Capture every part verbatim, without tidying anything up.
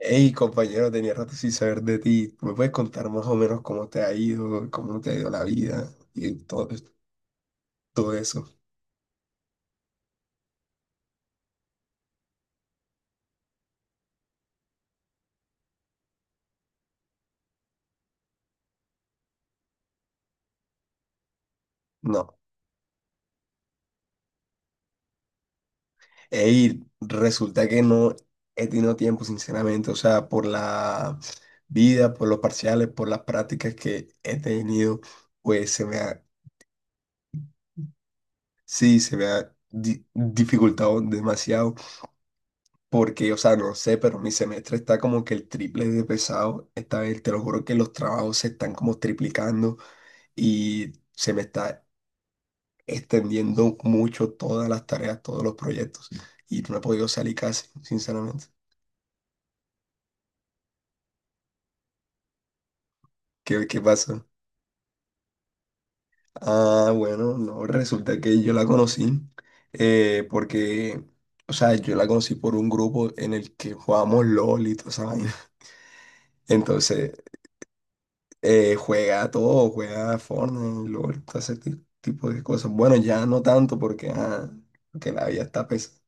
Hey, compañero, tenía rato sin saber de ti. ¿Me puedes contar más o menos cómo te ha ido, cómo te ha ido la vida y todo, es- todo eso? No. Hey, resulta que no he tenido tiempo, sinceramente. O sea, por la vida, por los parciales, por las prácticas que he tenido, pues se me ha, sí, se me ha di- dificultado demasiado. Porque, o sea, no sé, pero mi semestre está como que el triple de pesado. Esta vez, te lo juro que los trabajos se están como triplicando. Y se me está extendiendo mucho todas las tareas, todos los proyectos y no he podido salir casi, sinceramente. ¿Qué, qué pasa? Ah, bueno, no, resulta que yo la conocí, eh, porque, o sea, yo la conocí por un grupo en el que jugábamos LOL y toda esa vaina. Entonces, eh, juega todo, juega Fortnite, LOL, todo ese ti- tipo de cosas. Bueno, ya no tanto porque, ah, porque la vida está pesada.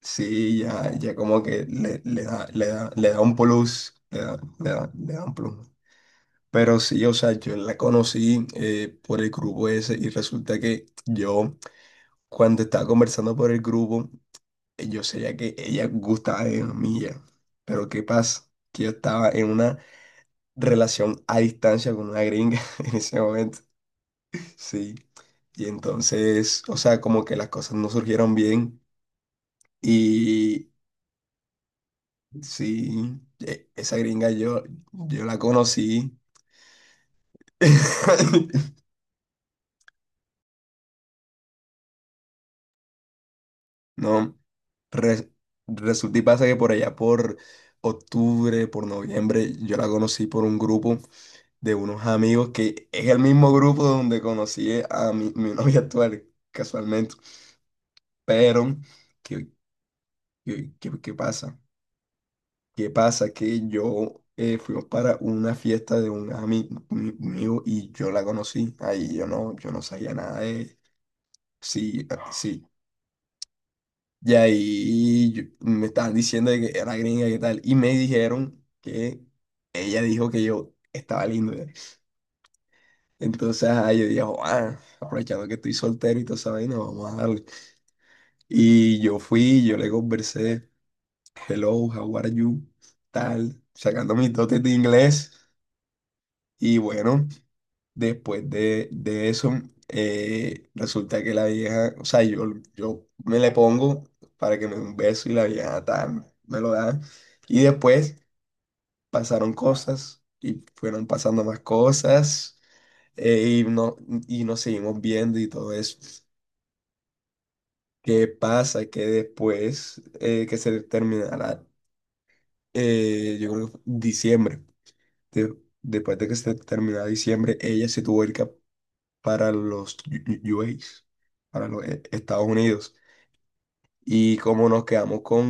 Sí, ya, ya como que le, le da, le da, le da un plus, le da, le da, le da un plus. Pero sí, o sea, yo la conocí, eh, por el grupo ese y resulta que yo, cuando estaba conversando por el grupo, eh, yo sabía que ella gustaba de mí ya. Pero ¿qué pasa? Que yo estaba en una relación a distancia con una gringa en ese momento. Sí. Y entonces, o sea, como que las cosas no surgieron bien. Y, Sí, e- esa gringa yo, yo la conocí. No, re- resulta y pasa que por allá por octubre, por noviembre, yo la conocí por un grupo de unos amigos que es el mismo grupo donde conocí a mi, mi novia actual, casualmente. Pero ¿qué, qué, qué- qué pasa? ¿Qué pasa? Que yo, eh, fuimos para una fiesta de un ami- mi- amigo y yo la conocí. Ahí yo no, yo no sabía nada. Sí, ah, sí. Y ahí yo- me estaban diciendo de que era gringa y tal. Y me dijeron que ella dijo que yo estaba lindo. Ya. Entonces, ah, yo dije, "Joa, aprovechando que estoy soltero y toda esa vaina, vamos a darle." Y yo fui, yo le conversé, hello, how are you, tal, sacando mis dotes de inglés. Y bueno. Después de, de eso, eh, resulta que la vieja, o sea, yo, yo me le pongo para que me dé un beso y la vieja tal, me lo da. Y después pasaron cosas y fueron pasando más cosas, eh, y, no, y nos seguimos viendo y todo eso. ¿Qué pasa? Que después, eh, que se terminará, yo creo que fue diciembre, de- después de que se terminara diciembre, ella se tuvo que ir para los U- U- para los E- Estados Unidos. Y como nos quedamos con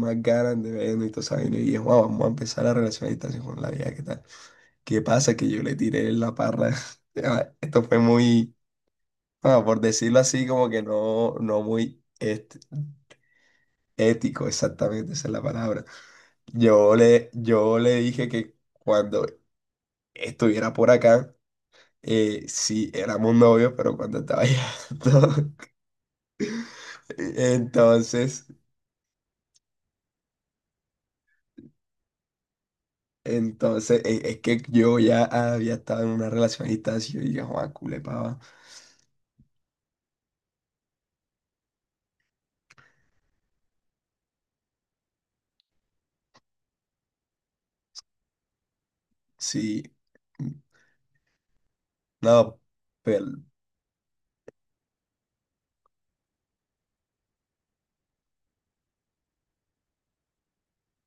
más ganas de vernos y todo eso, y dije, "Juan, vamos a empezar la relación a distancia con la vida, ¿qué tal?" ¿Qué pasa? Que yo le tiré la parra. Ah, esto fue muy, ah, por decirlo así, como que no, no muy este, ético, exactamente, esa es la palabra. Yo le, yo le dije que cuando estuviera por acá, eh, sí éramos novios, pero cuando estaba allá, no. Entonces, Entonces, e- es, que yo ya había estado en una relación a distancia y yo dije, Juan, culepaba. Sí, mm, no, pero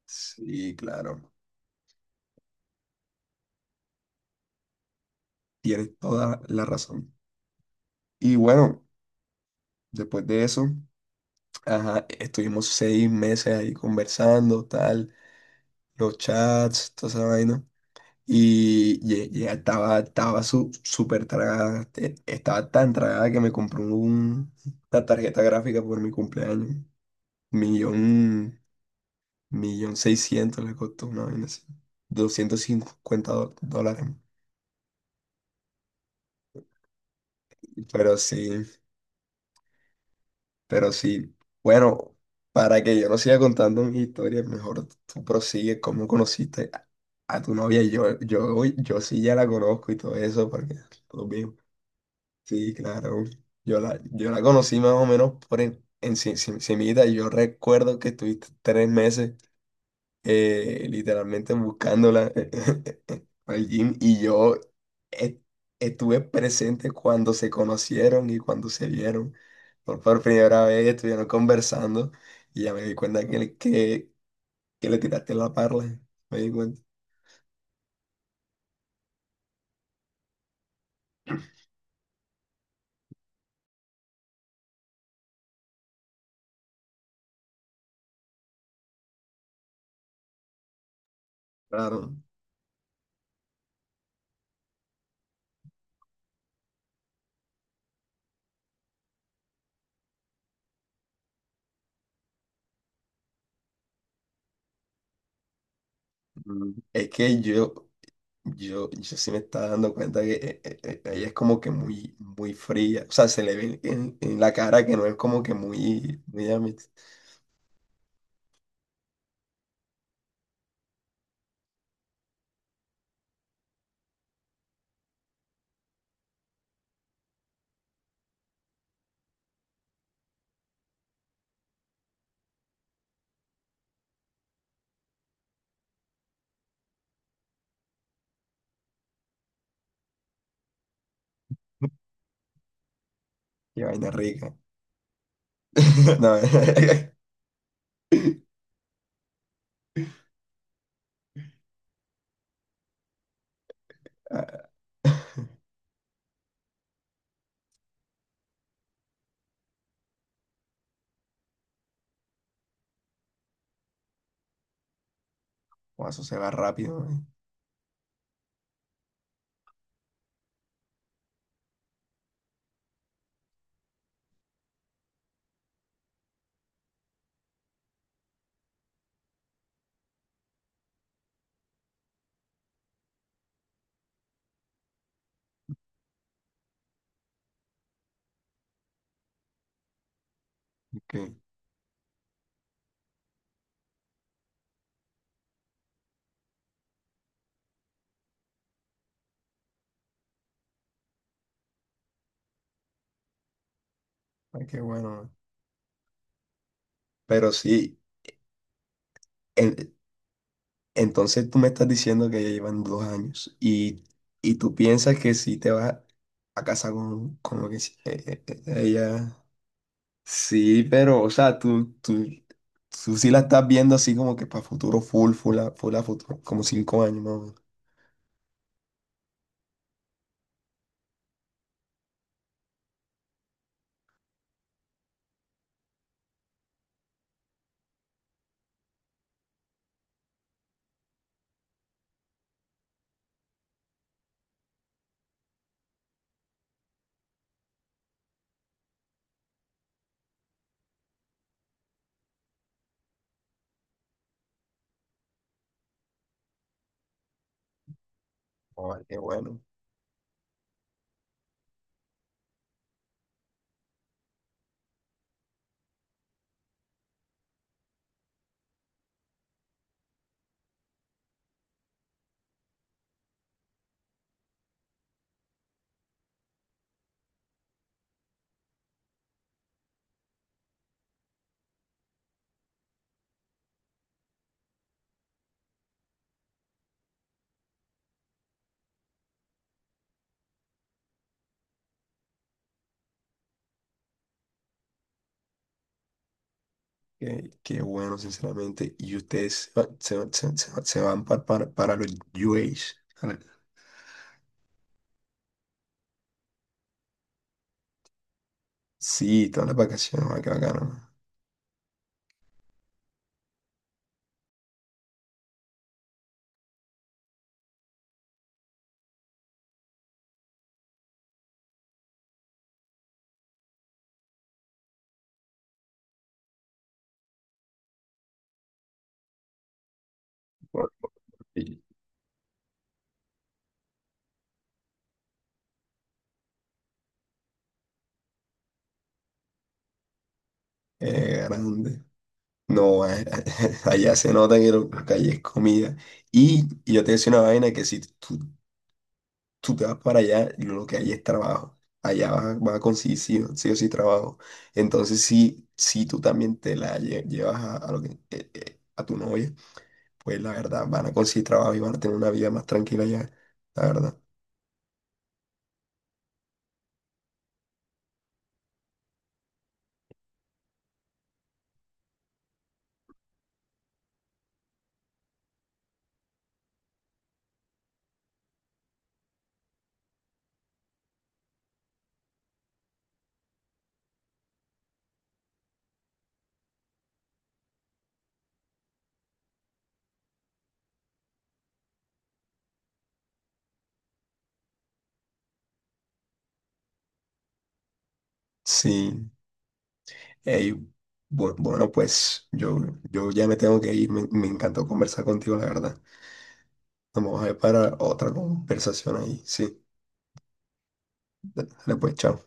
sí, claro, tienes toda la razón. Y bueno, después de eso, ajá, estuvimos seis meses ahí conversando, tal, los chats, toda esa vaina. Y ye- ya, estaba, estaba su- súper tragada, te- estaba tan tragada que me compró un- una tarjeta gráfica por mi cumpleaños. Millón. un millón seiscientos mil le costó una vaina así. doscientos cincuenta do- dólares. Pero sí, pero sí. Bueno, para que yo no siga contando mi historia, mejor tú prosigue cómo conociste a, a tu novia. Yo, yo, yo sí ya la conozco y todo eso, porque todo bien. Sí, claro. Yo la, yo la conocí más o menos por en, en, ci- ci- cimita, y yo recuerdo que estuviste tres meses, eh, literalmente buscándola al gym y yo e- estuve presente cuando se conocieron y cuando se vieron. Por, por primera vez estuvieron conversando y ya me di cuenta que, le- que, que le tiraste la parla. Me di cuenta. Claro. Mm, Es que yo, yo, yo sí me estaba dando cuenta que, eh, eh, eh, ella es como que muy, muy fría. O sea, se le ve en, en la cara que no es como que muy, muy amist-. Qué vaina rica. No. Ah, guau, eso se va rápido, man. Ok, ay, qué bueno, man. Pero sí, en- entonces tú me estás diciendo que ya llevan dos años y, y tú piensas que si te vas a casa con, con lo que sí- eh, eh, eh, ella. Sí, pero, o sea, tú, tú, tú sí la estás viendo así como que para futuro full, full a, full a futuro, como cinco años más o menos. Ay, qué bueno, qué, qué bueno, sinceramente. Y ustedes se, va- se, va- se- se va- se van para, para, para los U A s. Sí, todas las vacaciones, ah, qué bacano. Bueno, sí. Eh, grande. No, a- a- allá se nota que lo que hay es comida. Y, y yo te decía una vaina que si tú, tú te vas para allá, lo que hay es trabajo. Allá vas, a vas a conseguir sí, o sí o sí trabajo. Entonces, si, si tú también te la lle- llevas a, a lo que, eh, eh, a tu novia, pues la verdad van a conseguir trabajo y van a tener una vida más tranquila allá. La verdad. Sí. Ey, bu- bueno, pues yo, yo ya me tengo que ir. Me, me encantó conversar contigo, la verdad. Nos vamos a ver para otra conversación ahí. Sí, dale pues, chao.